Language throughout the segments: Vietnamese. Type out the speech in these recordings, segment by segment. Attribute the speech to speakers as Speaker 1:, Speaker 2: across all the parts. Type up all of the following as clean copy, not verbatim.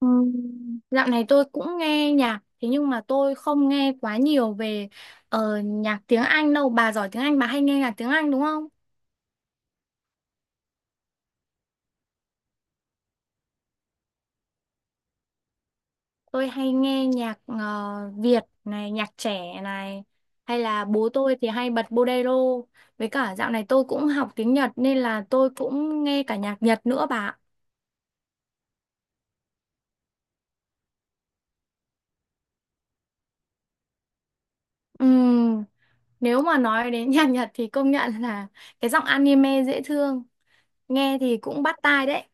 Speaker 1: Ừm, Dạo này tôi cũng nghe nhạc, thế nhưng mà tôi không nghe quá nhiều về nhạc tiếng Anh đâu. Bà giỏi tiếng Anh, bà hay nghe nhạc tiếng Anh đúng không? Tôi hay nghe nhạc Việt này, nhạc trẻ này, hay là bố tôi thì hay bật bolero. Với cả dạo này tôi cũng học tiếng Nhật nên là tôi cũng nghe cả nhạc Nhật nữa bà ạ. Ừm, nếu mà nói đến nhạc Nhật thì công nhận là cái giọng anime dễ thương, nghe thì cũng bắt tai đấy.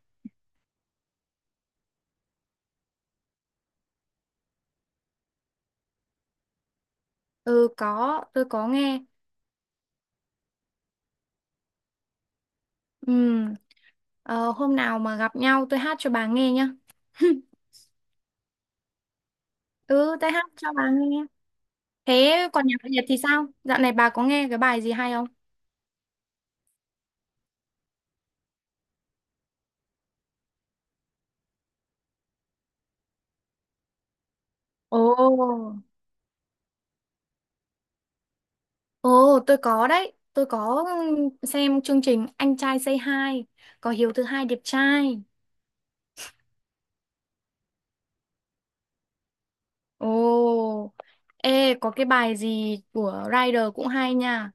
Speaker 1: Ừ có, tôi có nghe. Ừm, hôm nào mà gặp nhau tôi hát cho bà nghe nhá. Ừ, tôi hát cho bà nghe. Thế còn nhạc Việt thì sao? Dạo này bà có nghe cái bài gì hay không? Ồ, ồ, tôi có đấy. Tôi có xem chương trình Anh trai Say Hi, có Hiếu thứ hai đẹp trai. Ồ, ê, có cái bài gì của Rider cũng hay nha.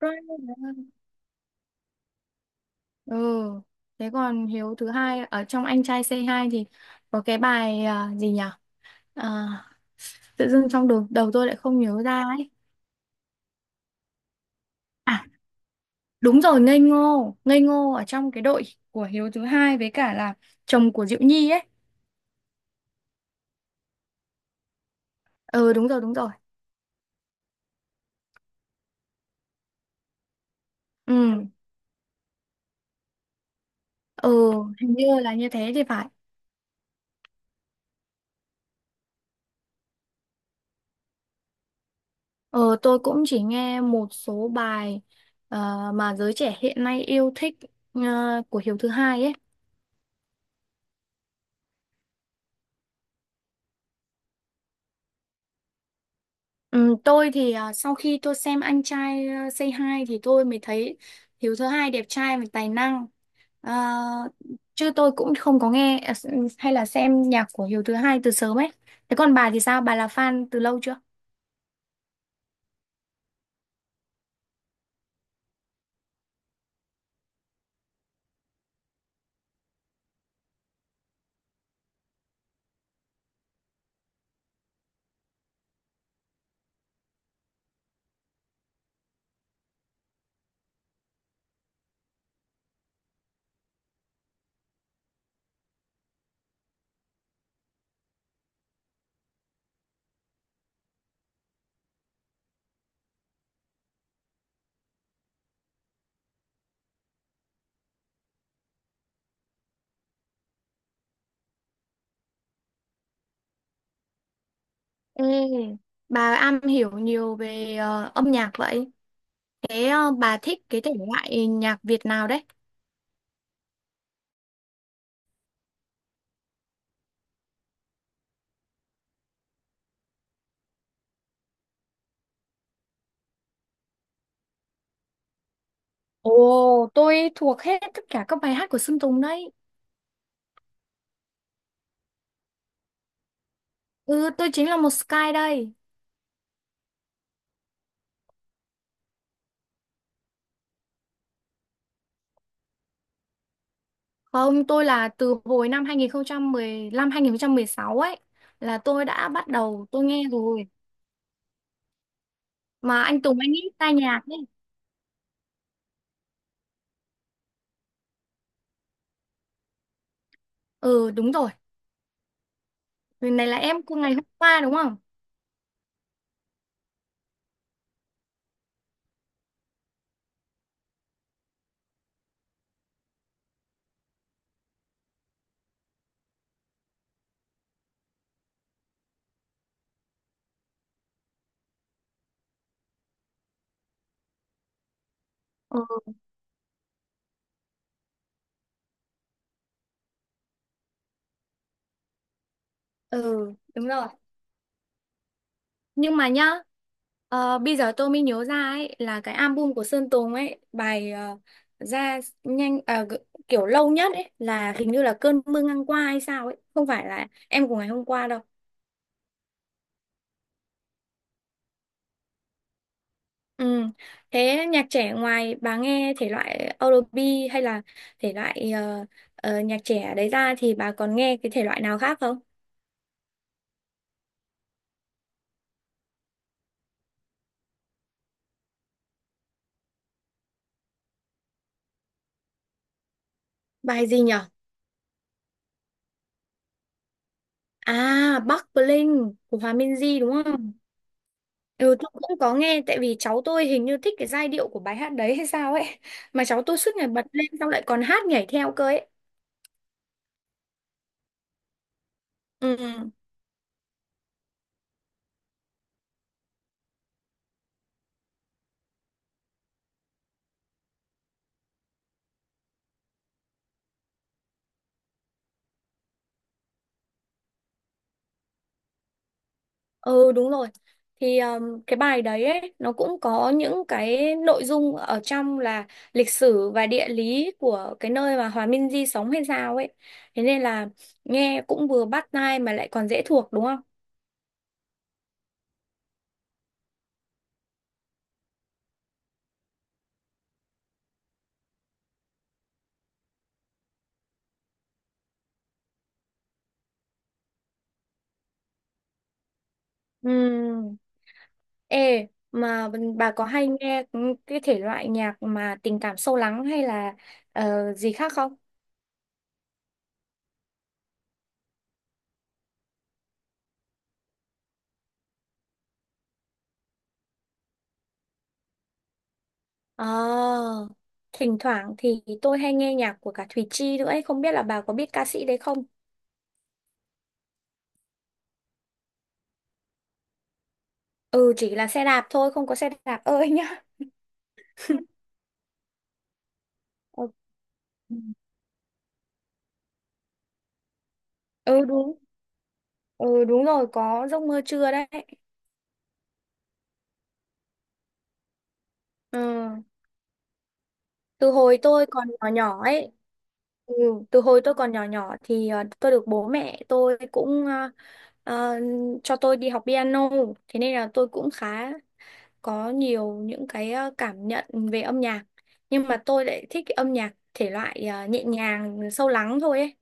Speaker 1: Rider. Ừ, thế còn Hiếu thứ hai ở trong Anh trai Say Hi thì có cái bài gì nhỉ? À, tự dưng trong đầu, tôi lại không nhớ ra ấy. À, đúng rồi, Ngây Ngô. Ngây Ngô ở trong cái đội của Hiếu thứ hai với cả là chồng của Diệu Nhi ấy. Ừ, đúng rồi, đúng rồi. Ừ, ừ, hình như là như thế thì phải. Ờ tôi cũng chỉ nghe một số bài mà giới trẻ hiện nay yêu thích ờ, của Hiếu thứ hai ấy. Ừ, tôi thì sau khi tôi xem Anh trai Say Hi thì tôi mới thấy Hiếu thứ hai đẹp trai và tài năng. Ờ, chứ tôi cũng không có nghe hay là xem nhạc của Hiếu thứ hai từ sớm ấy. Thế còn bà thì sao? Bà là fan từ lâu chưa? Ê, bà am hiểu nhiều về âm nhạc vậy. Thế bà thích cái thể loại nhạc Việt nào đấy? Ồ, tôi thuộc hết tất cả các bài hát của Sơn Tùng đấy. Ừ, tôi chính là một Sky đây. Không, tôi là từ hồi năm 2015 sáu ấy là tôi đã bắt đầu tôi nghe rồi. Mà anh Tùng anh ấy tai nhạc ấy. Ừ, đúng rồi. Người này là em của ngày hôm qua đúng không? Ừ. Ừ, đúng rồi. Nhưng mà nhá, bây giờ tôi mới nhớ ra ấy là cái album của Sơn Tùng ấy, bài ra nhanh kiểu lâu nhất ấy là hình như là Cơn mưa ngang qua hay sao ấy, không phải là em của ngày hôm qua đâu. Ừ. Thế nhạc trẻ ngoài bà nghe thể loại R&B hay là thể loại nhạc trẻ đấy ra thì bà còn nghe cái thể loại nào khác không? Bài gì nhở? À, Bắc Bling của Hòa Minzy đúng không? Ừ, tôi cũng có nghe tại vì cháu tôi hình như thích cái giai điệu của bài hát đấy hay sao ấy mà cháu tôi suốt ngày bật lên xong lại còn hát nhảy theo cơ ấy ừ, ừ đúng rồi thì cái bài đấy ấy nó cũng có những cái nội dung ở trong là lịch sử và địa lý của cái nơi mà Hòa Minzy sống hay sao ấy thế nên là nghe cũng vừa bắt tai mà lại còn dễ thuộc đúng không ừ. Ê, mà bà có hay nghe cái thể loại nhạc mà tình cảm sâu lắng hay là gì khác không? Ờ, thỉnh thoảng thì tôi hay nghe nhạc của cả Thùy Chi nữa ấy, không biết là bà có biết ca sĩ đấy không? Ừ, chỉ là xe đạp thôi, không có xe đạp ơi nhá. Ừ, Ừ, đúng, ừ, đúng rồi, có giấc mơ trưa đấy. Ừ. Từ hồi tôi còn nhỏ nhỏ ấy, ừ, từ hồi tôi còn nhỏ nhỏ thì tôi được bố mẹ tôi cũng ờ, cho tôi đi học piano thế nên là tôi cũng khá có nhiều những cái cảm nhận về âm nhạc nhưng mà tôi lại thích cái âm nhạc thể loại nhẹ nhàng sâu lắng thôi ấy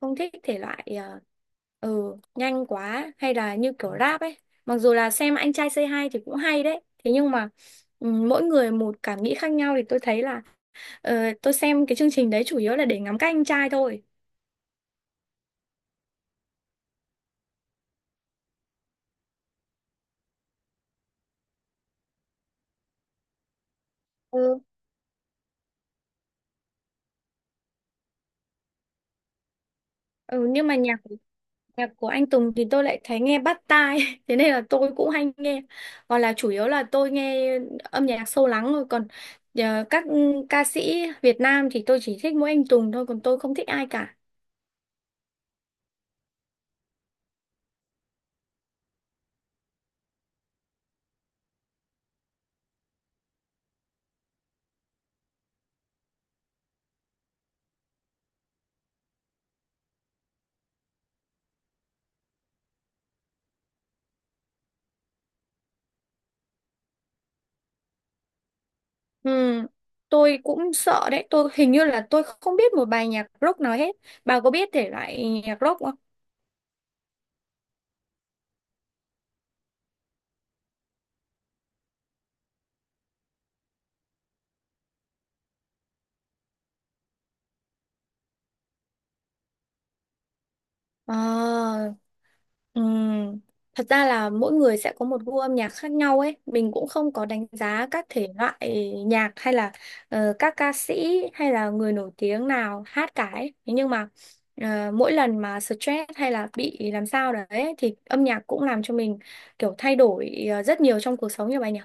Speaker 1: không thích thể loại nhanh quá hay là như kiểu rap ấy mặc dù là xem anh trai Say Hi thì cũng hay đấy thế nhưng mà ừ, mỗi người một cảm nghĩ khác nhau thì tôi thấy là Ờ, tôi xem cái chương trình đấy chủ yếu là để ngắm các anh trai thôi. Ừ. Ừ, nhưng mà nhạc của anh Tùng thì tôi lại thấy nghe bắt tai, thế nên là tôi cũng hay nghe. Còn là chủ yếu là tôi nghe âm nhạc sâu lắng thôi. Còn các ca sĩ Việt Nam thì tôi chỉ thích mỗi anh Tùng thôi, còn tôi không thích ai cả. Ừ, tôi cũng sợ đấy. Tôi hình như là tôi không biết một bài nhạc rock nào hết. Bà có biết thể loại nhạc rock không? Ờ. Ừm, Thật ra là mỗi người sẽ có một gu âm nhạc khác nhau ấy. Mình cũng không có đánh giá các thể loại nhạc hay là các ca sĩ hay là người nổi tiếng nào hát cả ấy. Thế nhưng mà mỗi lần mà stress hay là bị làm sao đấy thì âm nhạc cũng làm cho mình kiểu thay đổi rất nhiều trong cuộc sống như bà nhỉ.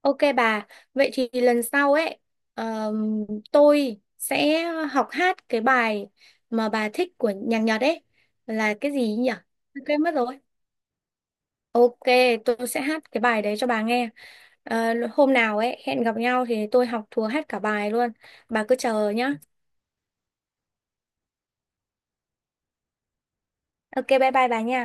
Speaker 1: Ok bà, vậy thì lần sau ấy ờm, tôi sẽ học hát cái bài mà bà thích của nhạc Nhật ấy là cái gì nhỉ? Quên mất rồi. Ok, tôi sẽ hát cái bài đấy cho bà nghe. Ờ, hôm nào ấy hẹn gặp nhau thì tôi học thuộc hát cả bài luôn. Bà cứ chờ nhá. Ok, bye bye bà nha.